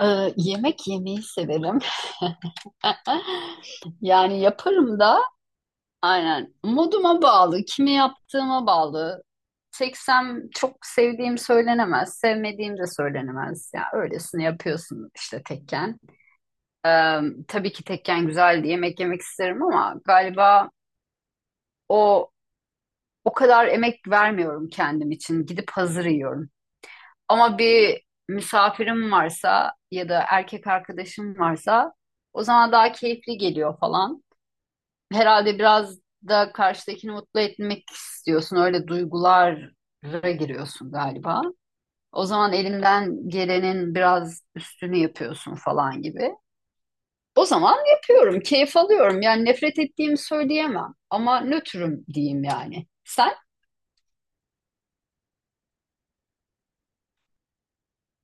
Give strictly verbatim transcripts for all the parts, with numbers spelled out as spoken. Ee, yemek yemeyi severim. Yani yaparım da aynen moduma bağlı, kimi yaptığıma bağlı. Seksem çok sevdiğim söylenemez, sevmediğim de söylenemez. Ya öylesine yapıyorsun işte tekken. Ee, tabii ki tekken güzeldi, yemek yemek isterim ama galiba o o kadar emek vermiyorum kendim için. Gidip hazır yiyorum. Ama bir misafirim varsa ya da erkek arkadaşım varsa o zaman daha keyifli geliyor falan. Herhalde biraz da karşıdakini mutlu etmek istiyorsun. Öyle duygulara giriyorsun galiba. O zaman elinden gelenin biraz üstünü yapıyorsun falan gibi. O zaman yapıyorum, keyif alıyorum. Yani nefret ettiğimi söyleyemem ama nötrüm diyeyim yani. Sen?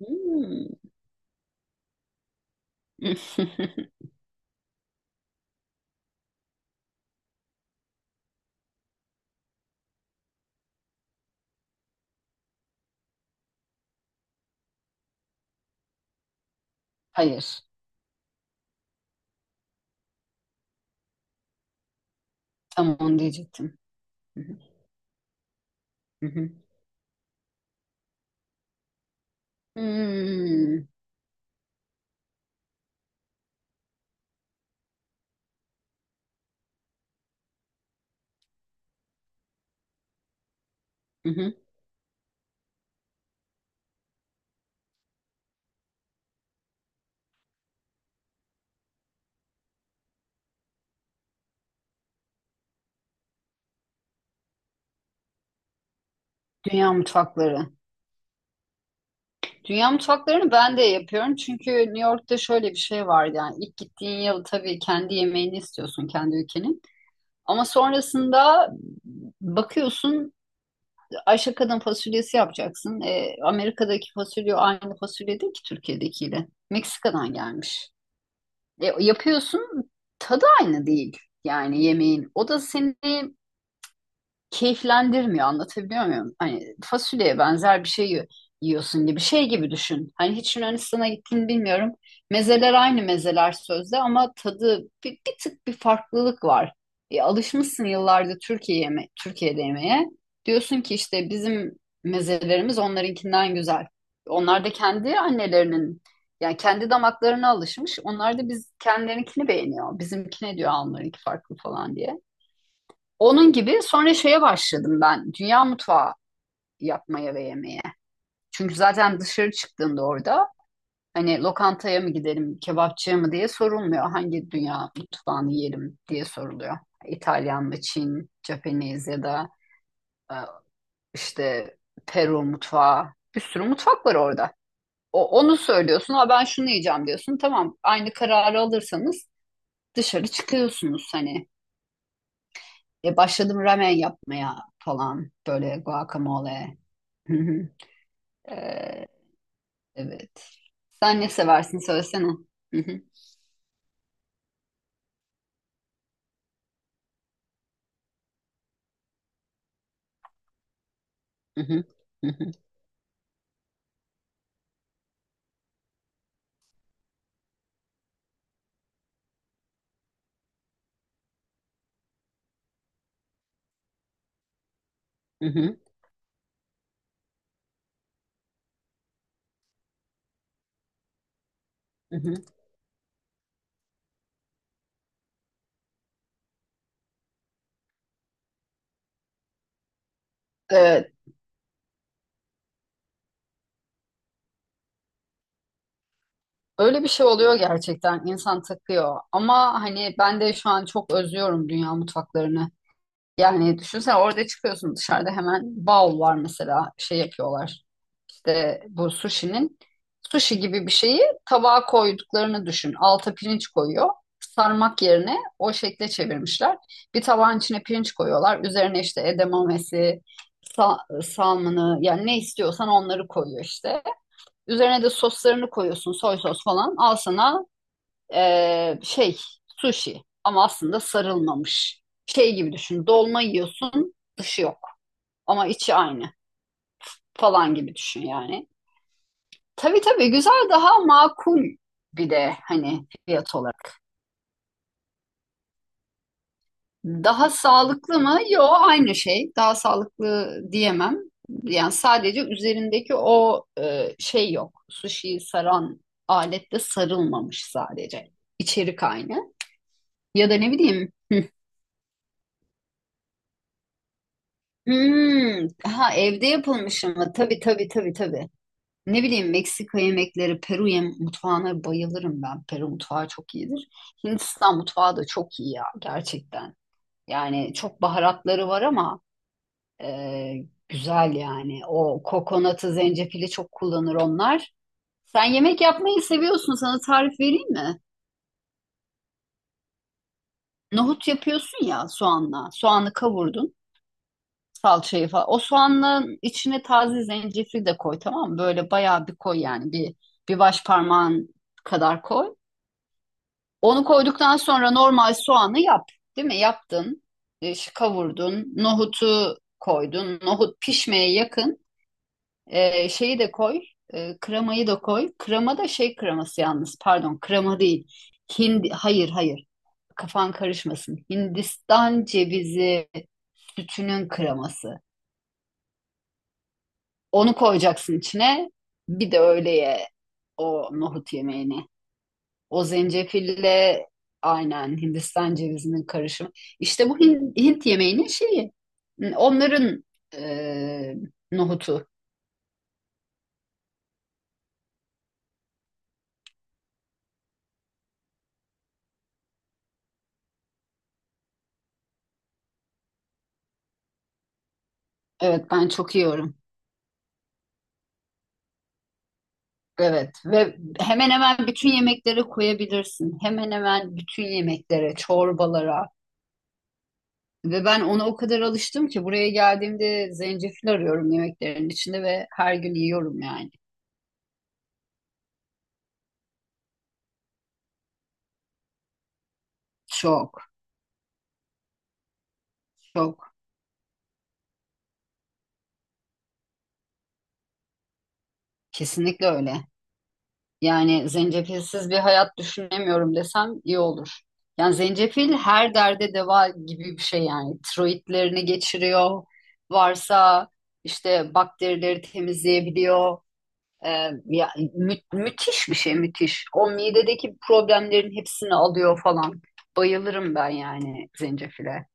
Hmm. Hayır, tam onu diyecektim. Hmm. Hı hı. Dünya mutfakları. Dünya mutfaklarını ben de yapıyorum çünkü New York'ta şöyle bir şey var yani ilk gittiğin yıl tabii kendi yemeğini istiyorsun kendi ülkenin ama sonrasında bakıyorsun Ayşe Kadın fasulyesi yapacaksın. E, Amerika'daki fasulye aynı fasulye değil ki Türkiye'dekiyle. Meksika'dan gelmiş. E, yapıyorsun tadı aynı değil yani yemeğin. O da seni keyiflendirmiyor, anlatabiliyor muyum? Hani fasulyeye benzer bir şey yi- yiyorsun gibi şey gibi düşün. Hani hiç Yunanistan'a gittin bilmiyorum. Mezeler aynı mezeler sözde ama tadı bir, bir tık bir farklılık var. E, alışmışsın yıllardır Türkiye yeme Türkiye'de yemeye. Diyorsun ki işte bizim mezelerimiz onlarınkinden güzel. Onlar da kendi annelerinin yani kendi damaklarına alışmış. Onlar da biz kendilerinkini beğeniyor. Bizimkine diyor onlarınki farklı falan diye. Onun gibi sonra şeye başladım ben. Dünya mutfağı yapmaya ve yemeye. Çünkü zaten dışarı çıktığında orada hani lokantaya mı gidelim, kebapçıya mı diye sorulmuyor. Hangi dünya mutfağını yiyelim diye soruluyor. İtalyan mı, Çin, Japanese ya da e, işte Peru mutfağı. Bir sürü mutfak var orada. O, onu söylüyorsun. Ha ben şunu yiyeceğim diyorsun. Tamam aynı kararı alırsanız dışarı çıkıyorsunuz hani. E, başladım ramen yapmaya falan böyle guacamole. Ee, evet. Sen ne seversin söylesene. Hı hı, hı hı, hı hı, hı hı, hı hı. Evet. Öyle bir şey oluyor gerçekten. İnsan takıyor. Ama hani ben de şu an çok özlüyorum dünya mutfaklarını. Yani düşünsene orada çıkıyorsun dışarıda hemen bal var mesela şey yapıyorlar. De bu sushi'nin sushi gibi bir şeyi tabağa koyduklarını düşün. Alta pirinç koyuyor. Sarmak yerine o şekle çevirmişler. Bir tabağın içine pirinç koyuyorlar. Üzerine işte edamamesi, sa- salmını yani ne istiyorsan onları koyuyor işte. Üzerine de soslarını koyuyorsun. Soy sos falan. Al sana eee, şey sushi ama aslında sarılmamış. Şey gibi düşün. Dolma yiyorsun, dışı yok ama içi aynı falan gibi düşün yani. Tabii tabii güzel daha makul bir de hani fiyat olarak. Daha sağlıklı mı? Yo aynı şey. Daha sağlıklı diyemem. Yani sadece üzerindeki o e, şey yok. Sushi'yi saran alette sarılmamış sadece. İçerik aynı. Ya da ne bileyim. Hmm, ha evde yapılmış ama tabii tabii tabii tabii. Ne bileyim Meksika yemekleri, Peru yem mutfağına bayılırım ben. Peru mutfağı çok iyidir. Hindistan mutfağı da çok iyi ya gerçekten. Yani çok baharatları var ama e, güzel yani. O kokonatı, zencefili çok kullanır onlar. Sen yemek yapmayı seviyorsun. Sana tarif vereyim mi? Nohut yapıyorsun ya soğanla. Soğanı kavurdun. Salçayı falan. O soğanın içine taze zencefil de koy tamam mı? Böyle bayağı bir koy yani. Bir, bir baş parmağın kadar koy. Onu koyduktan sonra normal soğanı yap. Değil mi? Yaptın. E, şu kavurdun. Nohutu koydun. Nohut pişmeye yakın. Ee, şeyi de koy, e, kremayı da koy. Krema da şey kreması yalnız, pardon, krema değil. Hindi, hayır hayır, kafan karışmasın. Hindistan cevizi sütünün kreması. Onu koyacaksın içine. Bir de öyle o nohut yemeğini. O zencefille aynen Hindistan cevizinin karışımı. İşte bu Hint, Hint yemeğinin şeyi. Onların e, nohutu. Evet ben çok yiyorum. Evet ve hemen hemen bütün yemeklere koyabilirsin. Hemen hemen bütün yemeklere, çorbalara. Ve ben ona o kadar alıştım ki buraya geldiğimde zencefil arıyorum yemeklerin içinde ve her gün yiyorum yani. Çok, çok. Kesinlikle öyle. Yani zencefilsiz bir hayat düşünemiyorum desem iyi olur. Yani zencefil her derde deva gibi bir şey yani. Tiroidlerini geçiriyor. Varsa işte bakterileri temizleyebiliyor. Ee, ya mü- müthiş bir şey müthiş. O midedeki problemlerin hepsini alıyor falan. Bayılırım ben yani zencefile.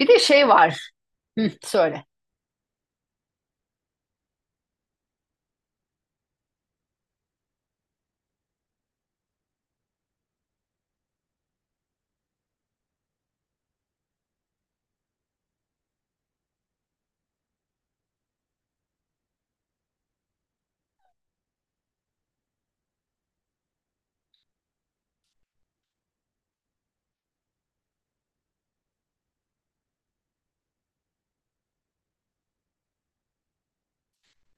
Bir de şey var. Hı, söyle.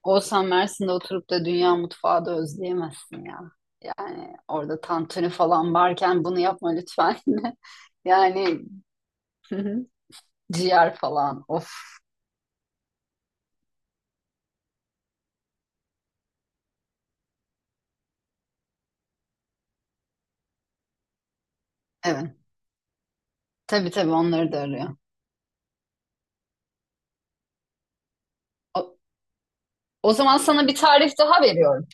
Olsan Mersin'de oturup da dünya mutfağı da özleyemezsin ya. Yani orada tantuni falan varken bunu yapma lütfen. Yani hı hı, ciğer falan. Of. Evet. Tabii tabii onları da arıyor. O, o zaman sana bir tarif daha veriyorum.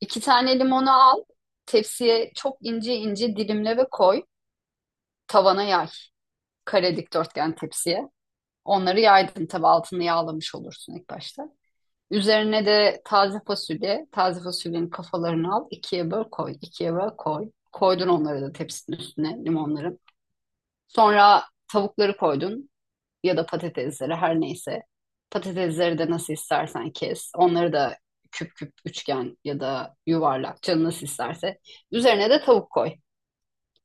İki tane limonu al. Tepsiye çok ince ince dilimle ve koy. Tavana yay. Kare dikdörtgen tepsiye. Onları yaydın tabii altını yağlamış olursun ilk başta. Üzerine de taze fasulye. Taze fasulyenin kafalarını al. İkiye böl koy. İkiye böl koy. Koydun onları da tepsinin üstüne limonların. Sonra tavukları koydun ya da patatesleri her neyse. Patatesleri de nasıl istersen kes. Onları da küp küp üçgen ya da yuvarlak canın nasıl isterse. Üzerine de tavuk koy.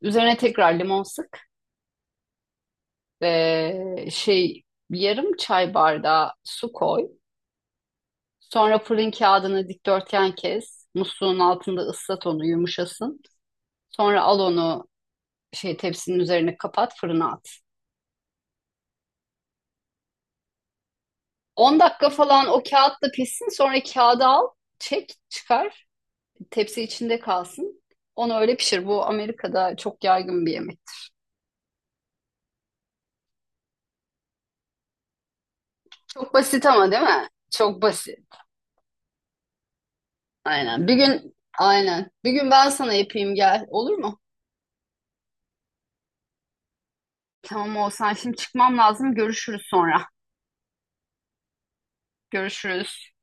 Üzerine tekrar limon sık ve şey yarım çay bardağı su koy. Sonra fırın kağıdını dikdörtgen kes. Musluğun altında ıslat onu yumuşasın. Sonra al onu şey tepsinin üzerine kapat fırına at. on dakika falan o kağıtla pişsin sonra kağıdı al çek çıkar tepsi içinde kalsın. Onu öyle pişir. Bu Amerika'da çok yaygın bir yemek. Çok basit ama değil mi? Çok basit. Aynen. Bir gün aynen. Bir gün ben sana yapayım gel. Olur mu? Tamam olsan. Şimdi çıkmam lazım. Görüşürüz sonra. Görüşürüz.